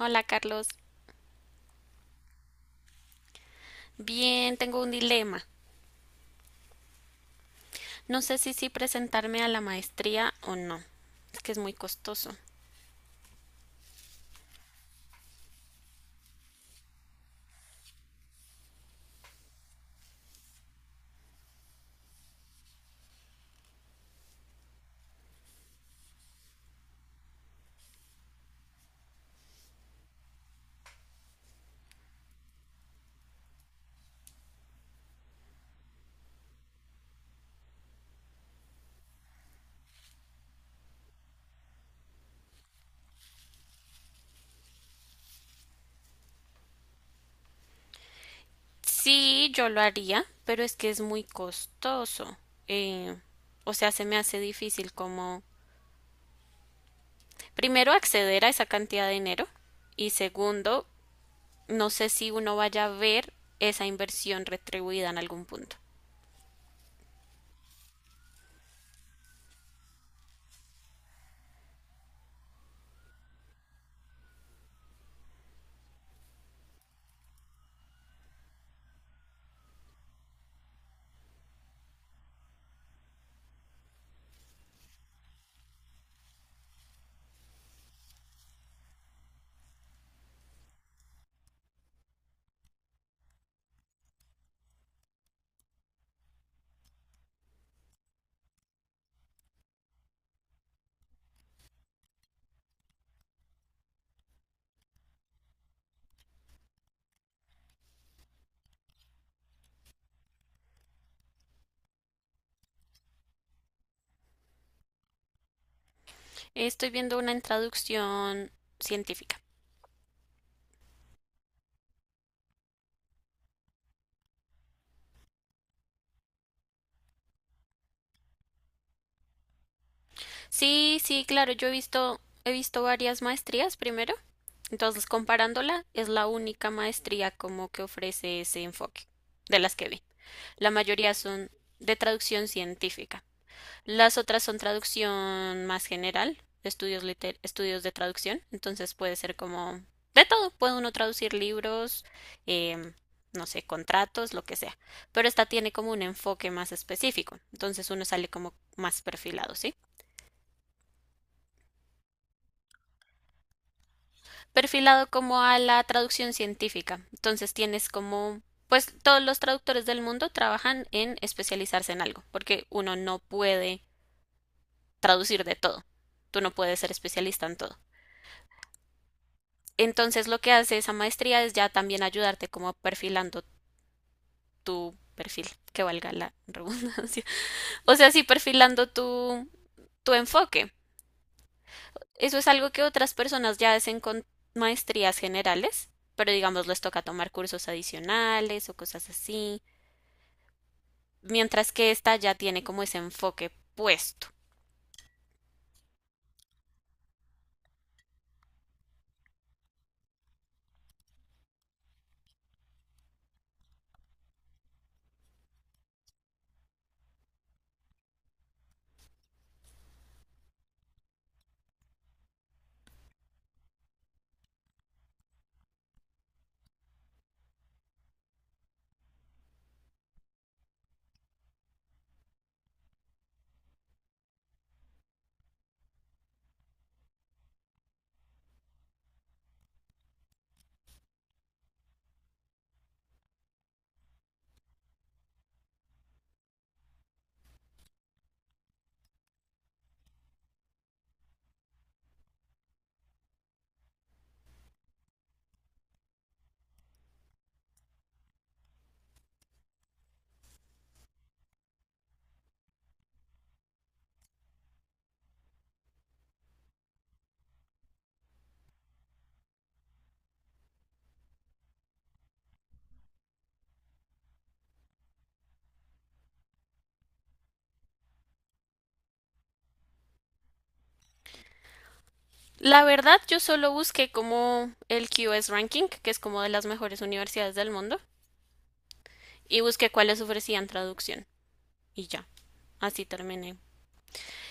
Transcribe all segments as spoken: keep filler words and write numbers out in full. Hola Carlos, bien, tengo un dilema. No sé si sí presentarme a la maestría o no. Es que es muy costoso. Sí, yo lo haría, pero es que es muy costoso. Eh, o sea, se me hace difícil como, primero, acceder a esa cantidad de dinero y segundo, no sé si uno vaya a ver esa inversión retribuida en algún punto. Estoy viendo una introducción científica. Sí, sí, claro, yo he visto, he visto varias maestrías primero. Entonces, comparándola, es la única maestría como que ofrece ese enfoque de las que vi. La mayoría son de traducción científica. Las otras son traducción más general, estudios, liter estudios de traducción. Entonces puede ser como de todo. Puede uno traducir libros, eh, no sé, contratos, lo que sea. Pero esta tiene como un enfoque más específico. Entonces uno sale como más perfilado, ¿sí? Perfilado como a la traducción científica. Entonces tienes como, pues todos los traductores del mundo trabajan en especializarse en algo, porque uno no puede traducir de todo. Tú no puedes ser especialista en todo. Entonces lo que hace esa maestría es ya también ayudarte como perfilando tu perfil, que valga la redundancia. O sea, sí, perfilando tu, tu enfoque. Eso es algo que otras personas ya hacen con maestrías generales, pero digamos les toca tomar cursos adicionales o cosas así, mientras que esta ya tiene como ese enfoque puesto. La verdad, yo solo busqué como el Q S Ranking, que es como de las mejores universidades del mundo, y busqué cuáles ofrecían traducción, y ya. Así terminé.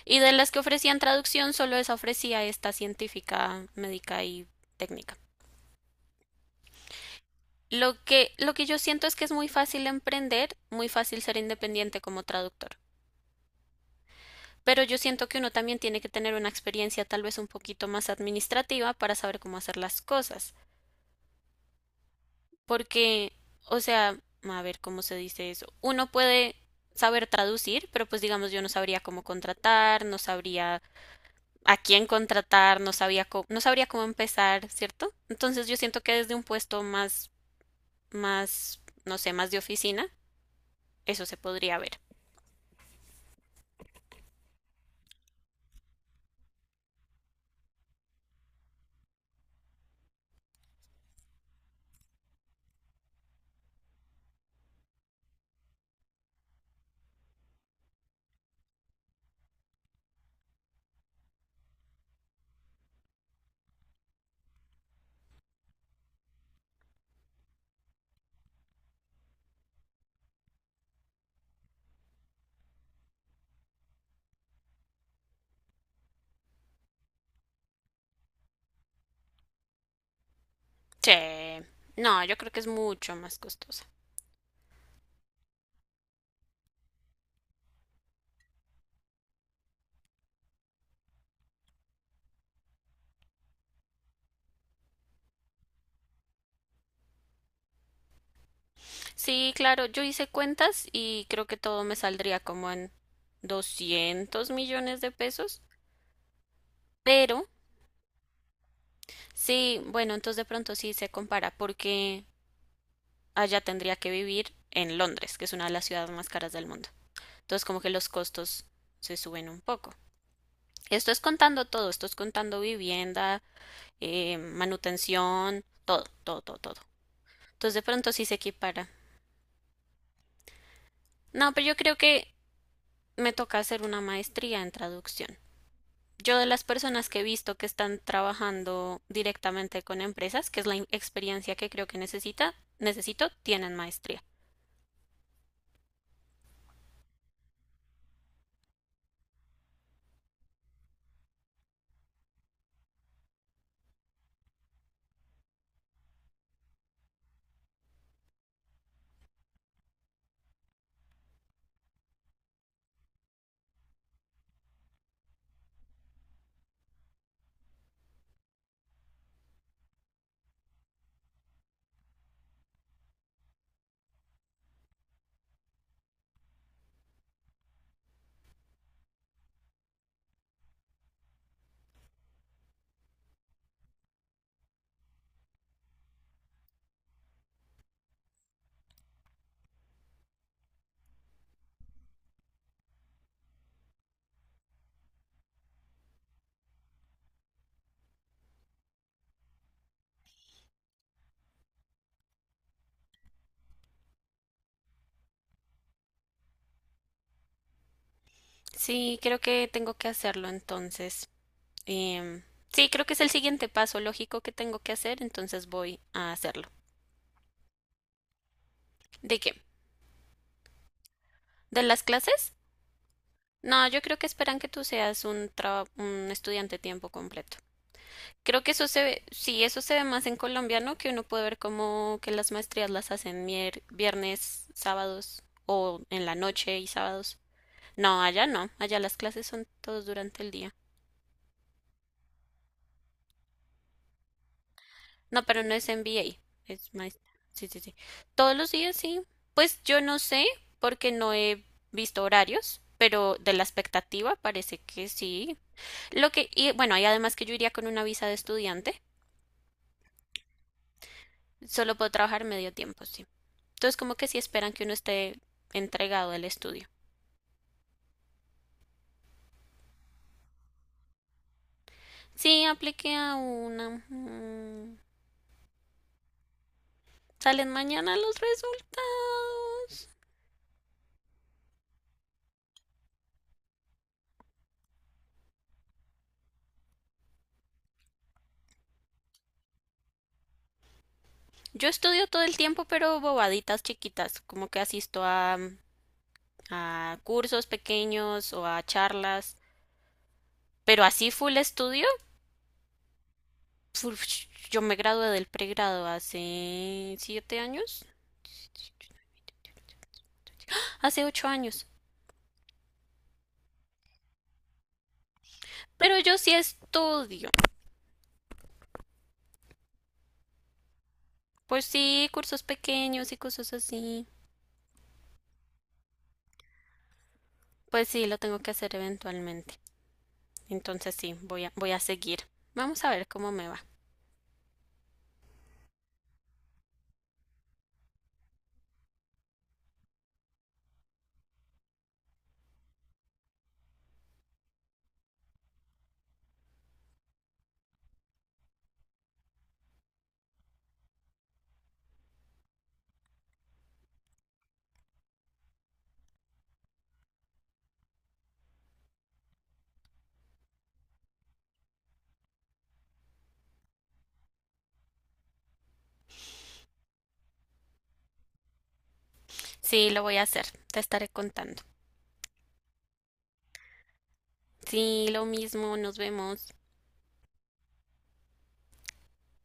Y de las que ofrecían traducción, solo esa ofrecía esta científica, médica y técnica. Lo que, lo que yo siento es que es muy fácil emprender, muy fácil ser independiente como traductor. Pero yo siento que uno también tiene que tener una experiencia tal vez un poquito más administrativa para saber cómo hacer las cosas. Porque, o sea, a ver cómo se dice eso. Uno puede saber traducir, pero pues digamos yo no sabría cómo contratar, no sabría a quién contratar, no sabía co- no sabría cómo empezar, ¿cierto? Entonces yo siento que desde un puesto más, más, no sé, más de oficina, eso se podría ver. Sí. No, yo creo que es mucho más costosa. Sí, claro, yo hice cuentas y creo que todo me saldría como en doscientos millones de pesos, pero sí, bueno, entonces de pronto sí se compara porque allá tendría que vivir en Londres, que es una de las ciudades más caras del mundo. Entonces como que los costos se suben un poco. Esto es contando todo, esto es contando vivienda, eh, manutención, todo, todo, todo, todo. Entonces de pronto sí se equipara. No, pero yo creo que me toca hacer una maestría en traducción. Yo de las personas que he visto que están trabajando directamente con empresas, que es la in- experiencia que creo que necesita, necesito, tienen maestría. Sí, creo que tengo que hacerlo entonces. Em, sí, creo que es el siguiente paso lógico que tengo que hacer, entonces voy a hacerlo. ¿De qué? ¿De las clases? No, yo creo que esperan que tú seas un, traba- un estudiante tiempo completo. Creo que eso se ve, sí, eso se ve más en Colombia, ¿no? Que uno puede ver como que las maestrías las hacen mier- viernes, sábados o en la noche y sábados. No, allá no, allá las clases son todos durante el día. No, pero no es M B A, es maestra. Sí, sí, sí. Todos los días, sí. Pues yo no sé, porque no he visto horarios, pero de la expectativa parece que sí. Lo que, y bueno, y además que yo iría con una visa de estudiante, solo puedo trabajar medio tiempo, sí. Entonces, como que sí esperan que uno esté entregado al estudio. Sí, apliqué a una. mm, Salen mañana los resultados. Yo estudio todo el tiempo, pero bobaditas chiquitas, como que asisto a mm, a cursos pequeños o a charlas, pero así full estudio, uf, yo me gradué del pregrado hace siete años, hace ocho años, pero yo sí estudio, pues sí, cursos pequeños y cosas así, pues sí, lo tengo que hacer eventualmente, entonces sí, voy a, voy a seguir, vamos a ver cómo me va, sí, lo voy a hacer, te estaré contando, sí, lo mismo, nos vemos.